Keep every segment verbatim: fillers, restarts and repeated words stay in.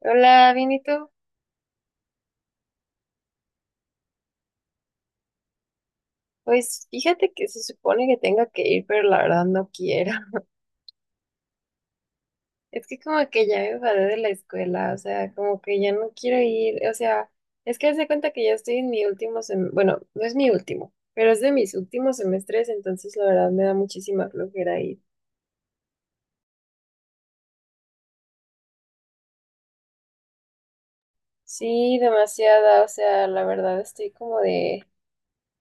Hola, bien, ¿y tú? Pues fíjate que se supone que tenga que ir, pero la verdad no quiero. Es que como que ya me enfadé de la escuela, o sea, como que ya no quiero ir, o sea, es que haz de cuenta que ya estoy en mi último semestre, bueno, no es mi último, pero es de mis últimos semestres, entonces la verdad me da muchísima flojera ir. Sí, demasiada, o sea, la verdad estoy como de,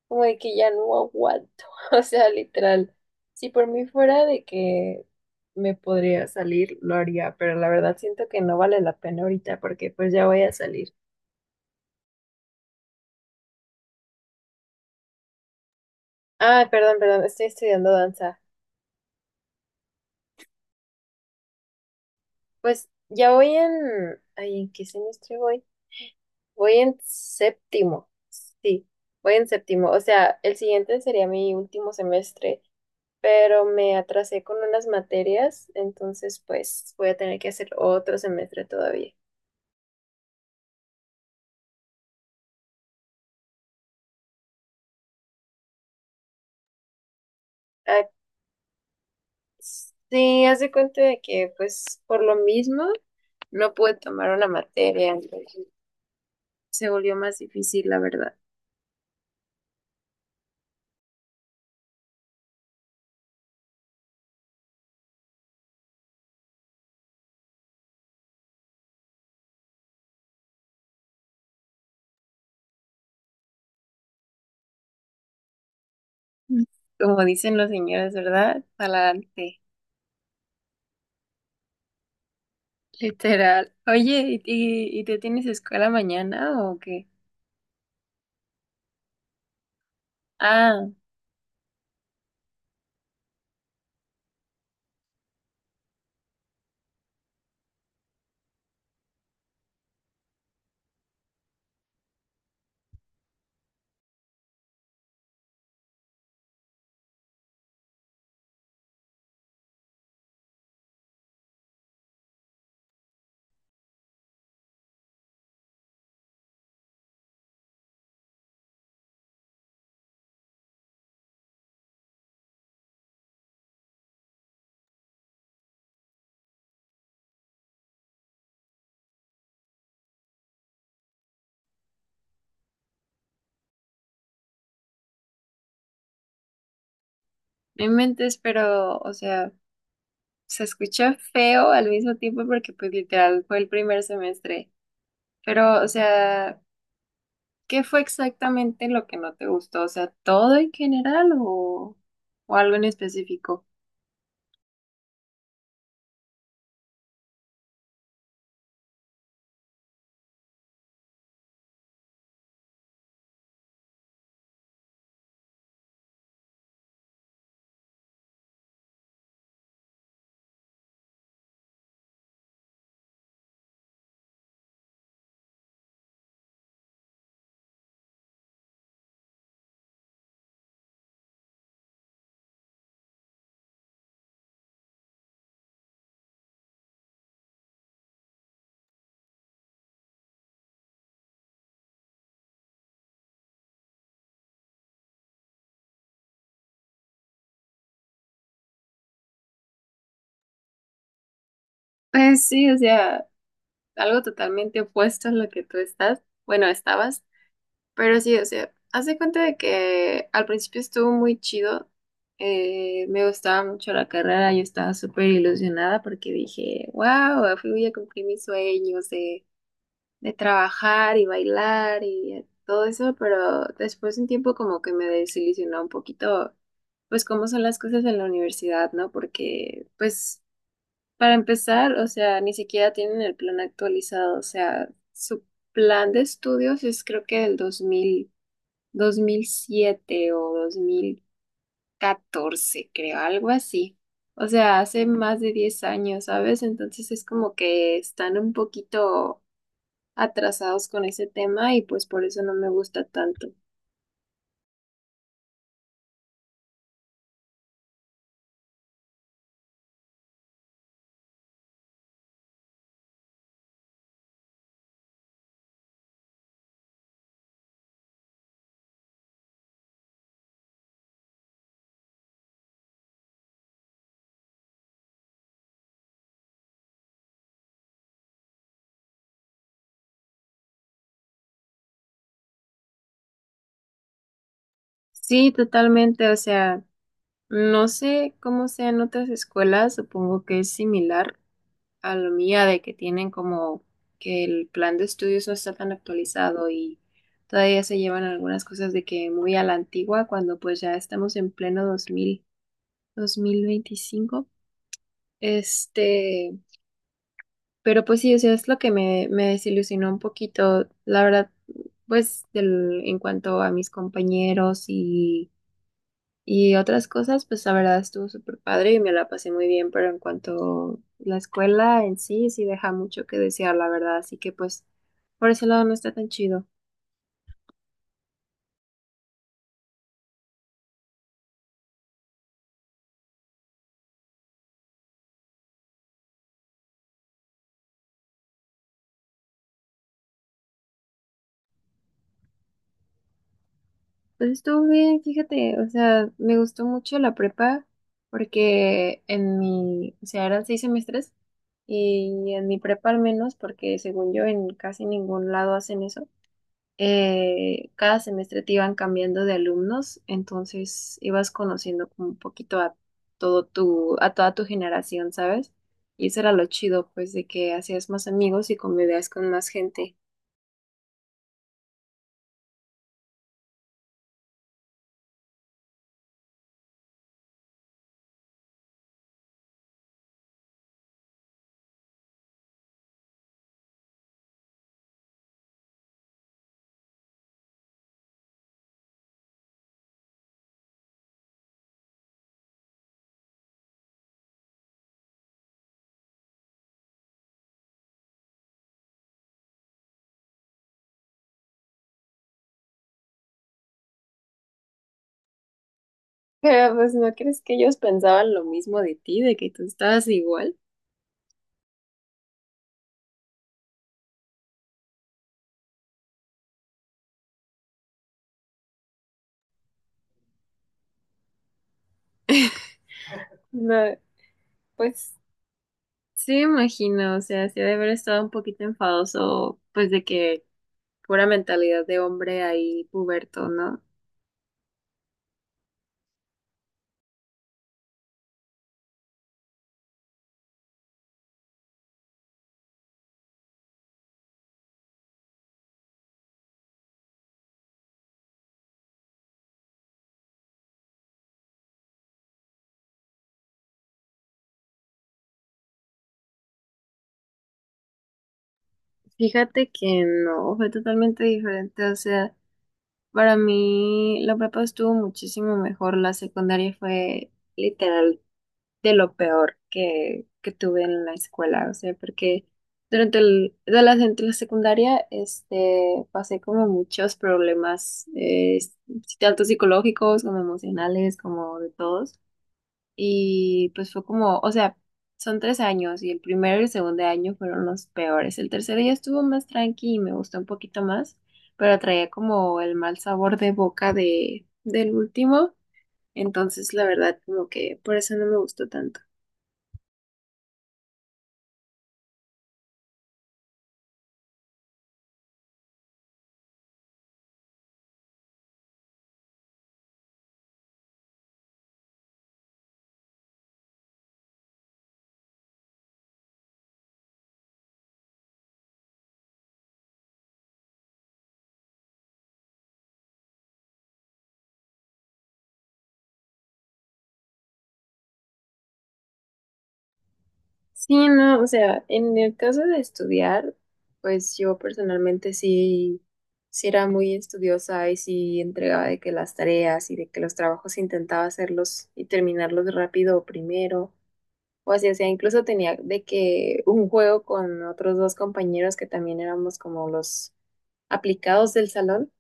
como de que ya no aguanto. O sea, literal, si por mí fuera de que me podría salir, lo haría, pero la verdad siento que no vale la pena ahorita porque pues ya voy a salir. Ah, perdón, perdón, estoy estudiando danza. Pues ya voy en, ay, ¿en qué semestre voy? Voy en séptimo. Sí, voy en séptimo. O sea, el siguiente sería mi último semestre, pero me atrasé con unas materias, entonces pues voy a tener que hacer otro semestre todavía. Ah. Sí, haz de cuenta de que, pues, por lo mismo, no pude tomar una materia, entonces se volvió más difícil, la verdad. Mm. Como dicen los señores, ¿verdad? Adelante, literal. Oye, ¿y, y, y tú tienes escuela mañana o qué? Ah, no inventes, pero, o sea, se escucha feo al mismo tiempo porque, pues, literal, fue el primer semestre. Pero, o sea, ¿qué fue exactamente lo que no te gustó? O sea, todo en general o, o algo en específico. Pues sí, o sea, algo totalmente opuesto a lo que tú estás. Bueno, estabas, pero sí, o sea, haz de cuenta de que al principio estuvo muy chido. eh, me gustaba mucho la carrera, yo estaba súper ilusionada porque dije, wow, fui a cumplir mis sueños, eh, de trabajar y bailar y todo eso, pero después de un tiempo como que me desilusionó un poquito, pues cómo son las cosas en la universidad, ¿no? Porque, pues, para empezar, o sea, ni siquiera tienen el plan actualizado, o sea, su plan de estudios es creo que del dos dos mil dos mil siete o dos mil catorce creo, algo así. O sea, hace más de diez años, ¿sabes? Entonces es como que están un poquito atrasados con ese tema y pues por eso no me gusta tanto. Sí, totalmente, o sea, no sé cómo sean otras escuelas, supongo que es similar a la mía de que tienen como que el plan de estudios no está tan actualizado y todavía se llevan algunas cosas de que muy a la antigua cuando pues ya estamos en pleno dos dos mil dos mil veinticinco. Este, pero pues sí, o sea, es lo que me, me desilusionó un poquito, la verdad, pues del, en cuanto a mis compañeros y, y otras cosas, pues la verdad estuvo súper padre y me la pasé muy bien, pero en cuanto a la escuela en sí, sí deja mucho que desear, la verdad, así que pues por ese lado no está tan chido. Pues estuvo bien, fíjate, o sea, me gustó mucho la prepa porque en mi, o sea, eran seis semestres. Y en mi prepa al menos, porque según yo en casi ningún lado hacen eso, eh, cada semestre te iban cambiando de alumnos, entonces ibas conociendo como un poquito a todo tu, a toda tu generación, ¿sabes? Y eso era lo chido, pues, de que hacías más amigos y convivías con más gente. Pero pues no crees que ellos pensaban lo mismo de ti, de que tú estabas igual. No, pues sí me imagino, o sea, sí ha de haber estado un poquito enfadoso, pues de que pura mentalidad de hombre ahí puberto, ¿no? Fíjate que no, fue totalmente diferente, o sea, para mí la prepa estuvo muchísimo mejor, la secundaria fue literal de lo peor que, que tuve en la escuela, o sea, porque durante el, de la, durante la secundaria, este, pasé como muchos problemas, eh, tanto psicológicos como emocionales, como de todos. Y pues fue como, o sea, son tres años y el primero y el segundo año fueron los peores. El tercero ya estuvo más tranqui y me gustó un poquito más, pero traía como el mal sabor de boca de, del último. Entonces, la verdad, como que por eso no me gustó tanto. Sí, no, o sea, en el caso de estudiar, pues yo personalmente sí, sí era muy estudiosa y sí entregaba de que las tareas y de que los trabajos intentaba hacerlos y terminarlos rápido primero. O así, o sea, incluso tenía de que un juego con otros dos compañeros que también éramos como los aplicados del salón,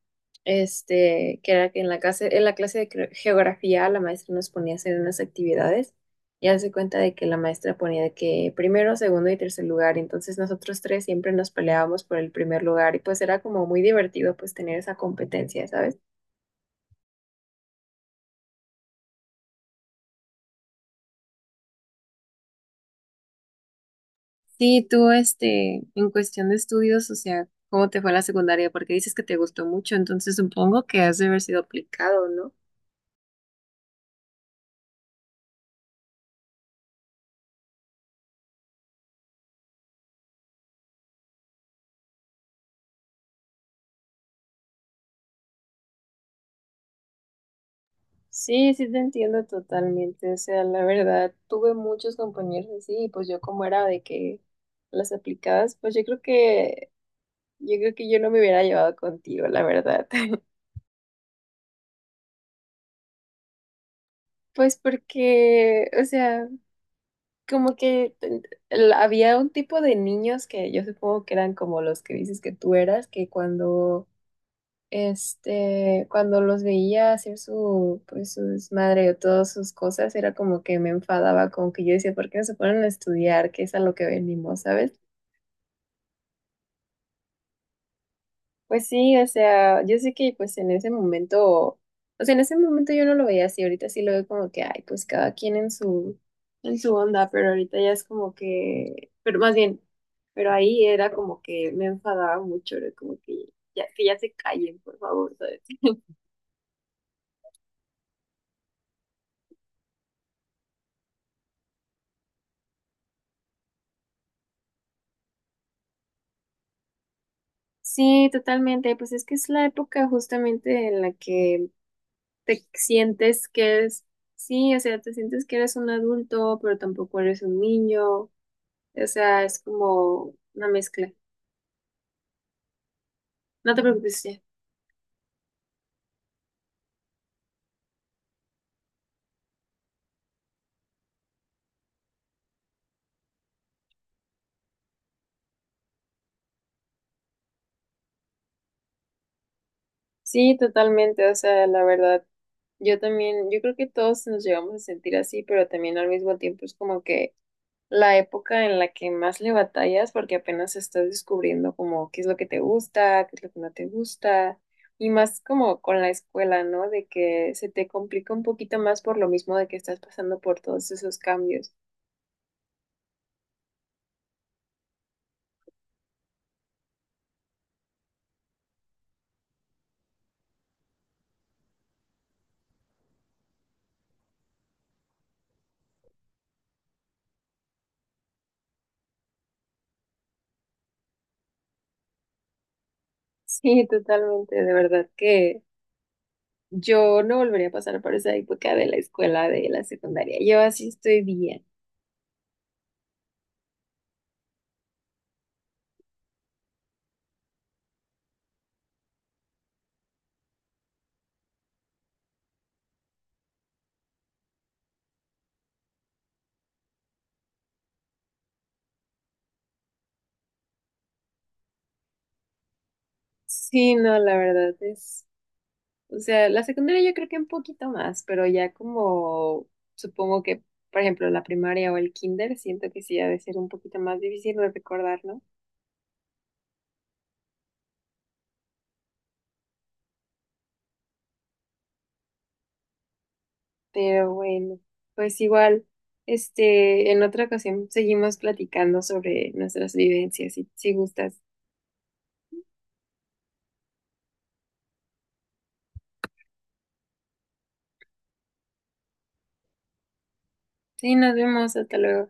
este, que era que en la clase, en la clase de cre- geografía la maestra nos ponía a hacer unas actividades y hace cuenta de que la maestra ponía de que primero, segundo y tercer lugar, entonces nosotros tres siempre nos peleábamos por el primer lugar y pues era como muy divertido pues tener esa competencia, ¿sabes? Sí, tú, este, en cuestión de estudios, o sea, ¿cómo te fue la secundaria? Porque dices que te gustó mucho, entonces supongo que has de haber sido aplicado, ¿no? Sí, sí te entiendo totalmente. O sea, la verdad, tuve muchos compañeros así, y pues yo como era de que las aplicadas, pues yo creo que, yo creo que yo no me hubiera llevado contigo, la verdad. Pues porque, o sea, como que ten- el- había un tipo de niños que yo supongo que eran como los que dices que tú eras, que cuando Este, cuando los veía hacer su, pues, su desmadre o todas sus cosas, era como que me enfadaba, como que yo decía, ¿por qué no se ponen a estudiar? ¿Qué es a lo que venimos, sabes? Pues sí, o sea, yo sé que pues en ese momento, o sea, en ese momento yo no lo veía así, ahorita sí lo veo como que, ay, pues cada quien en su, en su onda, pero ahorita ya es como que, pero más bien, pero ahí era como que me enfadaba mucho, era como que ya, que ya se callen, por favor, ¿sabes? Sí, totalmente. Pues es que es la época justamente en la que te sientes que eres, sí, o sea, te sientes que eres un adulto, pero tampoco eres un niño. O sea, es como una mezcla. No te preocupes, ya. Sí, totalmente. O sea, la verdad, yo también, yo creo que todos nos llegamos a sentir así, pero también al mismo tiempo es como que la época en la que más le batallas porque apenas estás descubriendo como qué es lo que te gusta, qué es lo que no te gusta y más como con la escuela, ¿no? De que se te complica un poquito más por lo mismo de que estás pasando por todos esos cambios. Sí, totalmente, de verdad que yo no volvería a pasar por esa época de la escuela, de la secundaria. Yo así estoy bien. Sí, no, la verdad es o sea, la secundaria yo creo que un poquito más, pero ya como supongo que, por ejemplo, la primaria o el kinder, siento que sí ha de ser un poquito más difícil de recordar, ¿no? Pero bueno, pues igual, este, en otra ocasión seguimos platicando sobre nuestras vivencias, si, si gustas. Sí, nos vemos, hasta luego.